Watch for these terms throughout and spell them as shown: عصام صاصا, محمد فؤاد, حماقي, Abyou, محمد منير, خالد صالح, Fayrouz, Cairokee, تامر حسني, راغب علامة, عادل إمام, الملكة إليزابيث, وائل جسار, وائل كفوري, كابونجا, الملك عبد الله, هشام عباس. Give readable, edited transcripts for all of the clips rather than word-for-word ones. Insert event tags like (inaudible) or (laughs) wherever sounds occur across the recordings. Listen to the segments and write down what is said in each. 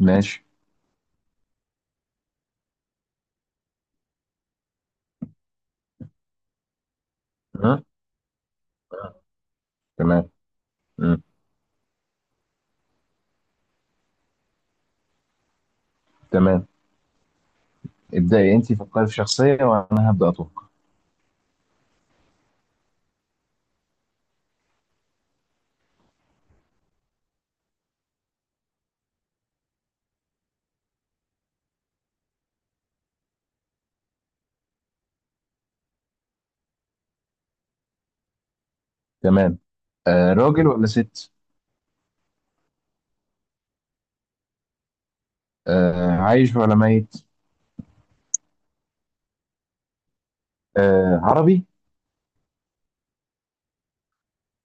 ماشي. ها؟ تمام. مم. تمام، ابدأي انت، فكري في شخصية وانا هبدأ اتوقع. تمام. راجل ولا ست؟ عايش ولا ميت؟ عربي؟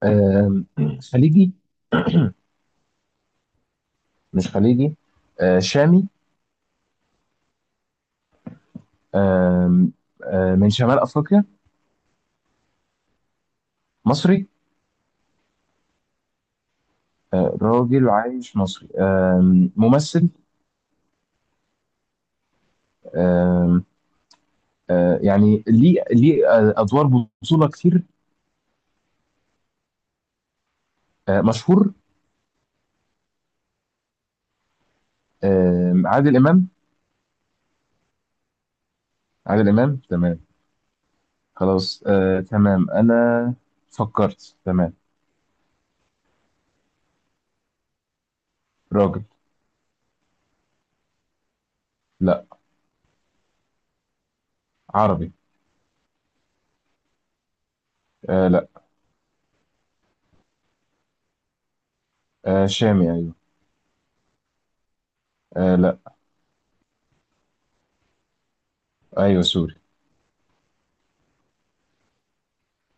آه. (clears throat) خليجي؟ مش خليجي. شامي؟ آه. من شمال أفريقيا؟ مصري؟ راجل عايش مصري، ممثل. آه يعني ليه أدوار بطولة كتير. مشهور. عادل إمام. عادل إمام، تمام. خلاص، تمام، أنا فكرت. تمام. راجل. لا. عربي. لا. شامي، أيوه. لا. أيوه سوري.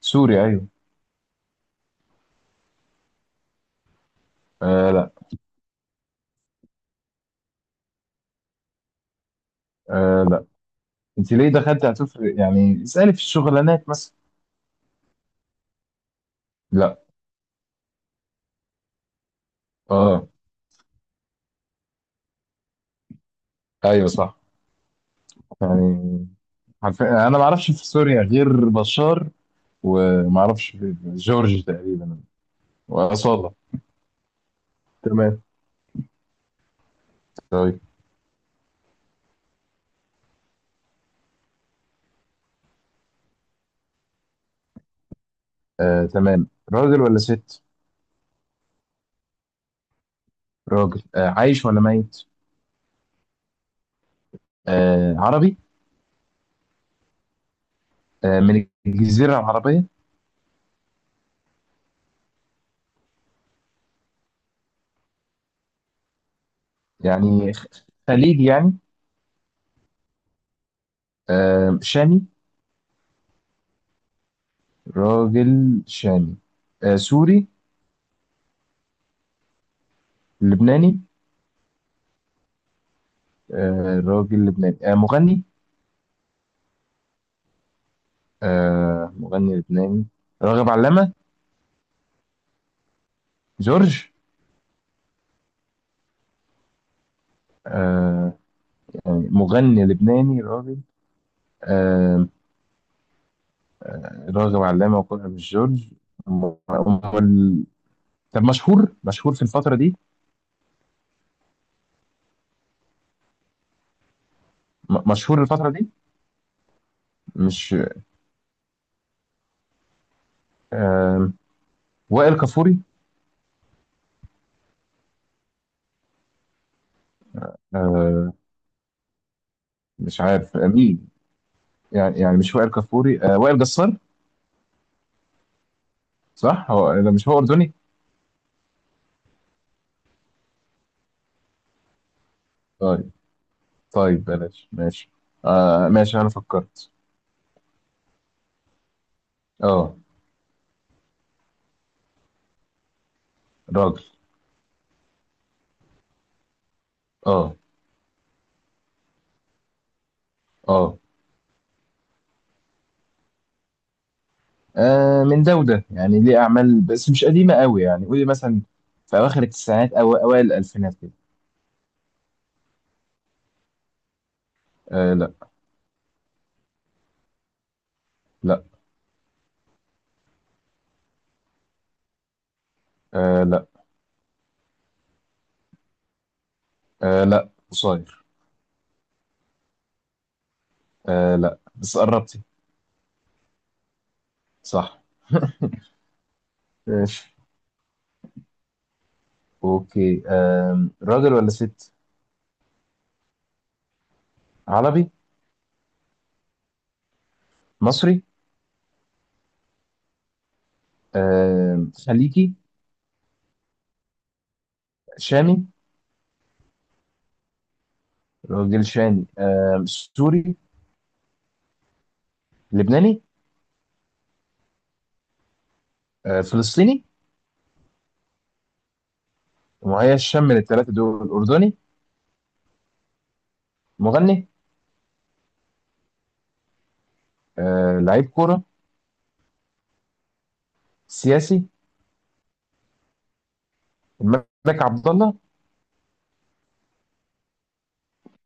سوري أيوه. لا. لا. أنت ليه دخلت هتفرق؟ يعني اسألي في الشغلانات مثلا. لا. آه. أيوه صح. يعني حرفيا أنا ما أعرفش في سوريا غير بشار، وما أعرفش في جورج تقريبا. وأصالة. تمام. طيب. تمام، راجل ولا ست؟ راجل. عايش ولا ميت؟ عربي؟ من الجزيرة العربية. يعني خ- خليجي يعني. شامي. راجل شامي. سوري؟ لبناني؟ راجل لبناني، مغني. مغني لبناني. راغب علامة؟ جورج؟ آه، يعني مغني لبناني راجل، آه، راغب علامة وكلها مش جورج. م- م- طب مشهور في الفترة دي؟ مشهور الفترة دي. مش. آه، وائل كفوري. آه، مش عارف مين. يعني مش وائل كفوري، آه وائل جسار. صح. هو ده. مش هو أردني؟ طيب. طيب بلاش ماشي. ماشي، أنا فكرت. اه. راجل. اه. اه. من ده وده، يعني ليه أعمال بس مش قديمة قوي. يعني قولي مثلا في أواخر التسعينات أو أوائل الألفينات كده. لا. لا. لا. لا، قصير. لا بس قربتي. صح. ماشي. أوكي، راجل ولا ست؟ عربي. مصري. خليجي. شامي. راجل شامي. سوري؟ لبناني؟ فلسطيني؟ مهيئ الشام من الثلاثه دول، اردني. مغني؟ لعيب كوره؟ سياسي. الملك عبد الله.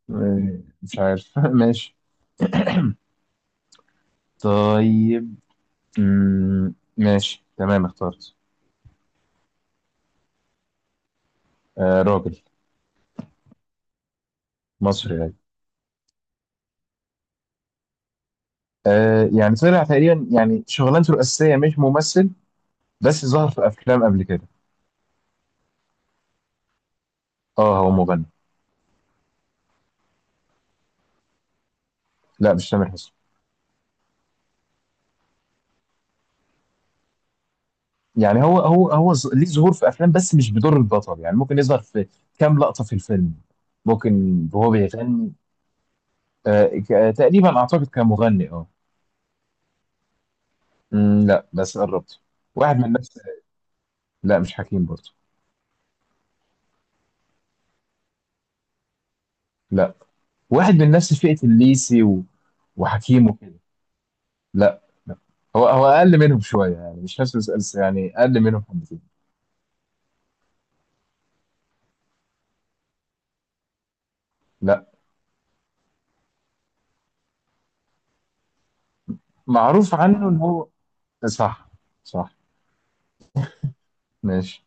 آه، مش عارف. (laughs) ماشي. طيب. ماشي تمام، اخترت. راجل. مصري يعني. يعني طلع تقريبا، يعني شغلانته الاساسيه مش ممثل، بس ظهر في افلام قبل كده. اه هو مغني. لا مش تامر حسني. يعني هو ليه ظهور في افلام بس مش بدور البطل. يعني ممكن يظهر في كام لقطه في الفيلم. ممكن. وهو بيغني. ك- تقريبا اعتقد كمغني، اه. لا بس قربت. واحد من نفس. لا مش حكيم برضه. لا. واحد من نفس فئه الليسي و... وحكيم وكده. لا. لا. هو اقل منهم شويه يعني، مش نفس يعني اقل منهم حبتين. لا. معروف عنه ان هو. صح. صح. ماشي.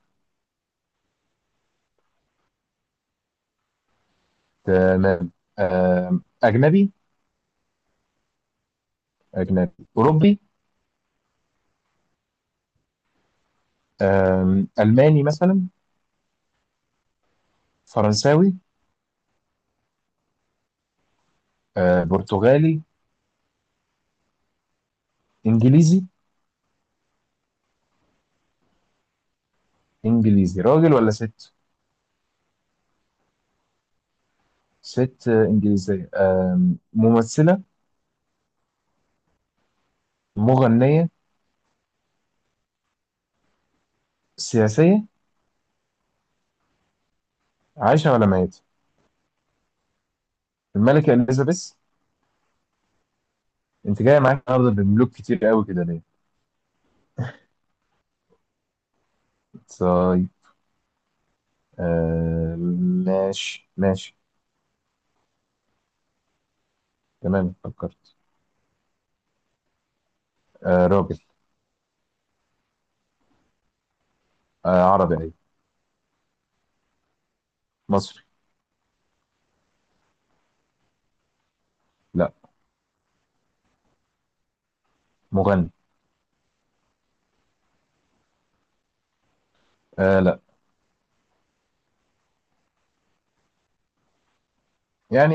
تمام. اجنبي. أجنبي. أوروبي. ألماني مثلا. فرنساوي. برتغالي. إنجليزي. إنجليزي راجل ولا ست؟ ست. إنجليزية، ممثلة. مغنية. سياسية. عايشة ولا ميتة؟ الملكة إليزابيث. أنت جاية معاك النهاردة بملوك كتير قوي كده ليه؟ طيب. آه، ماشي ماشي. تمام فكرت. راجل. عربي أيوة. مصري. لا. مغني. لا. يعني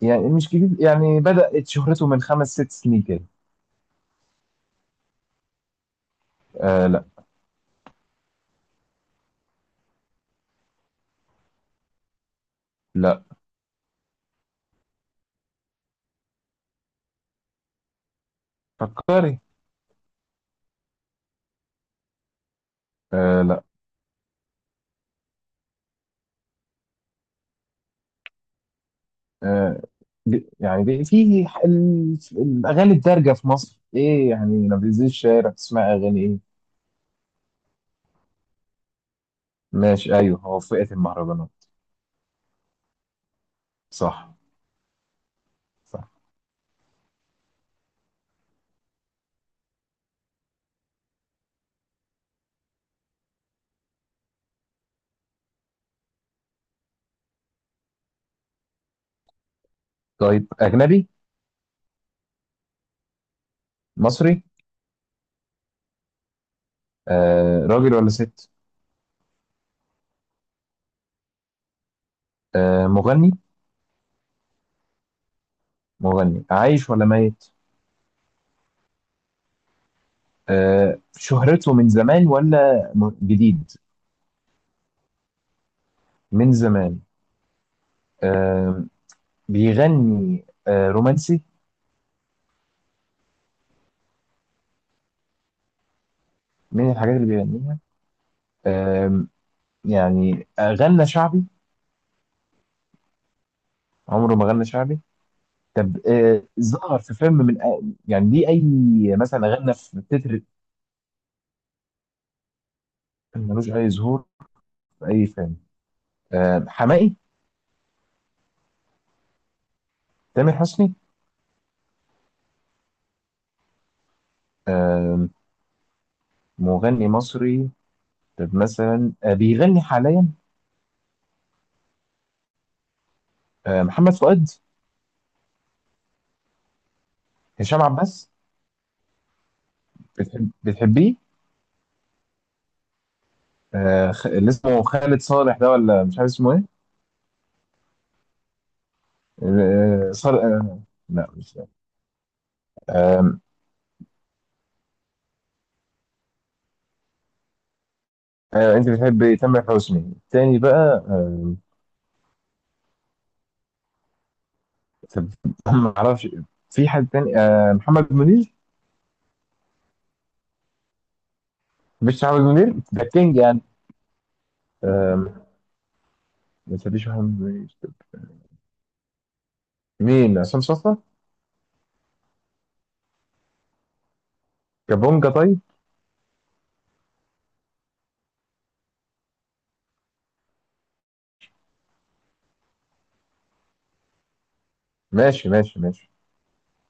مش جديد، يعني بدأت شهرته من خمس ست سنين كده. لا. لا. فكري. لا. آه. في الأغاني الدارجة في مصر إيه؟ يعني لما بتنزل الشارع تسمع أغاني إيه؟ ماشي أيوه، هو فئة المهرجانات. صح. صح. طيب. أجنبي؟ مصري؟ راجل ولا ست؟ مغني. مغني عايش ولا ميت؟ شهرته من زمان ولا جديد؟ من زمان. آه، بيغني آه، رومانسي، من الحاجات اللي بيغنيها. آم، يعني غنى شعبي؟ عمره ما غنى شعبي. طب ظهر في فيلم من، يعني ليه اي، مثلا غنى في تتر؟ ملوش اي ظهور في اي فيلم. حماقي؟ تامر حسني؟ آم، مغني مصري. طب مثلا آه، بيغني حاليا. محمد فؤاد؟ هشام عباس؟ بتحب بتحبيه؟ اللي اسمه خالد صالح ده، ولا مش عارف اسمه ايه؟ صالح. آه، لا مش. آه، انت بتحب تامر حسني التاني بقى. آه، طب ما اعرفش. في حد تاني، محمد منير؟ مش محمد منير ده كينج يعني. آه، ما تسيبيش محمد منير. مين عصام صاصا؟ كابونجا؟ طيب. ماشي ماشي ماشي.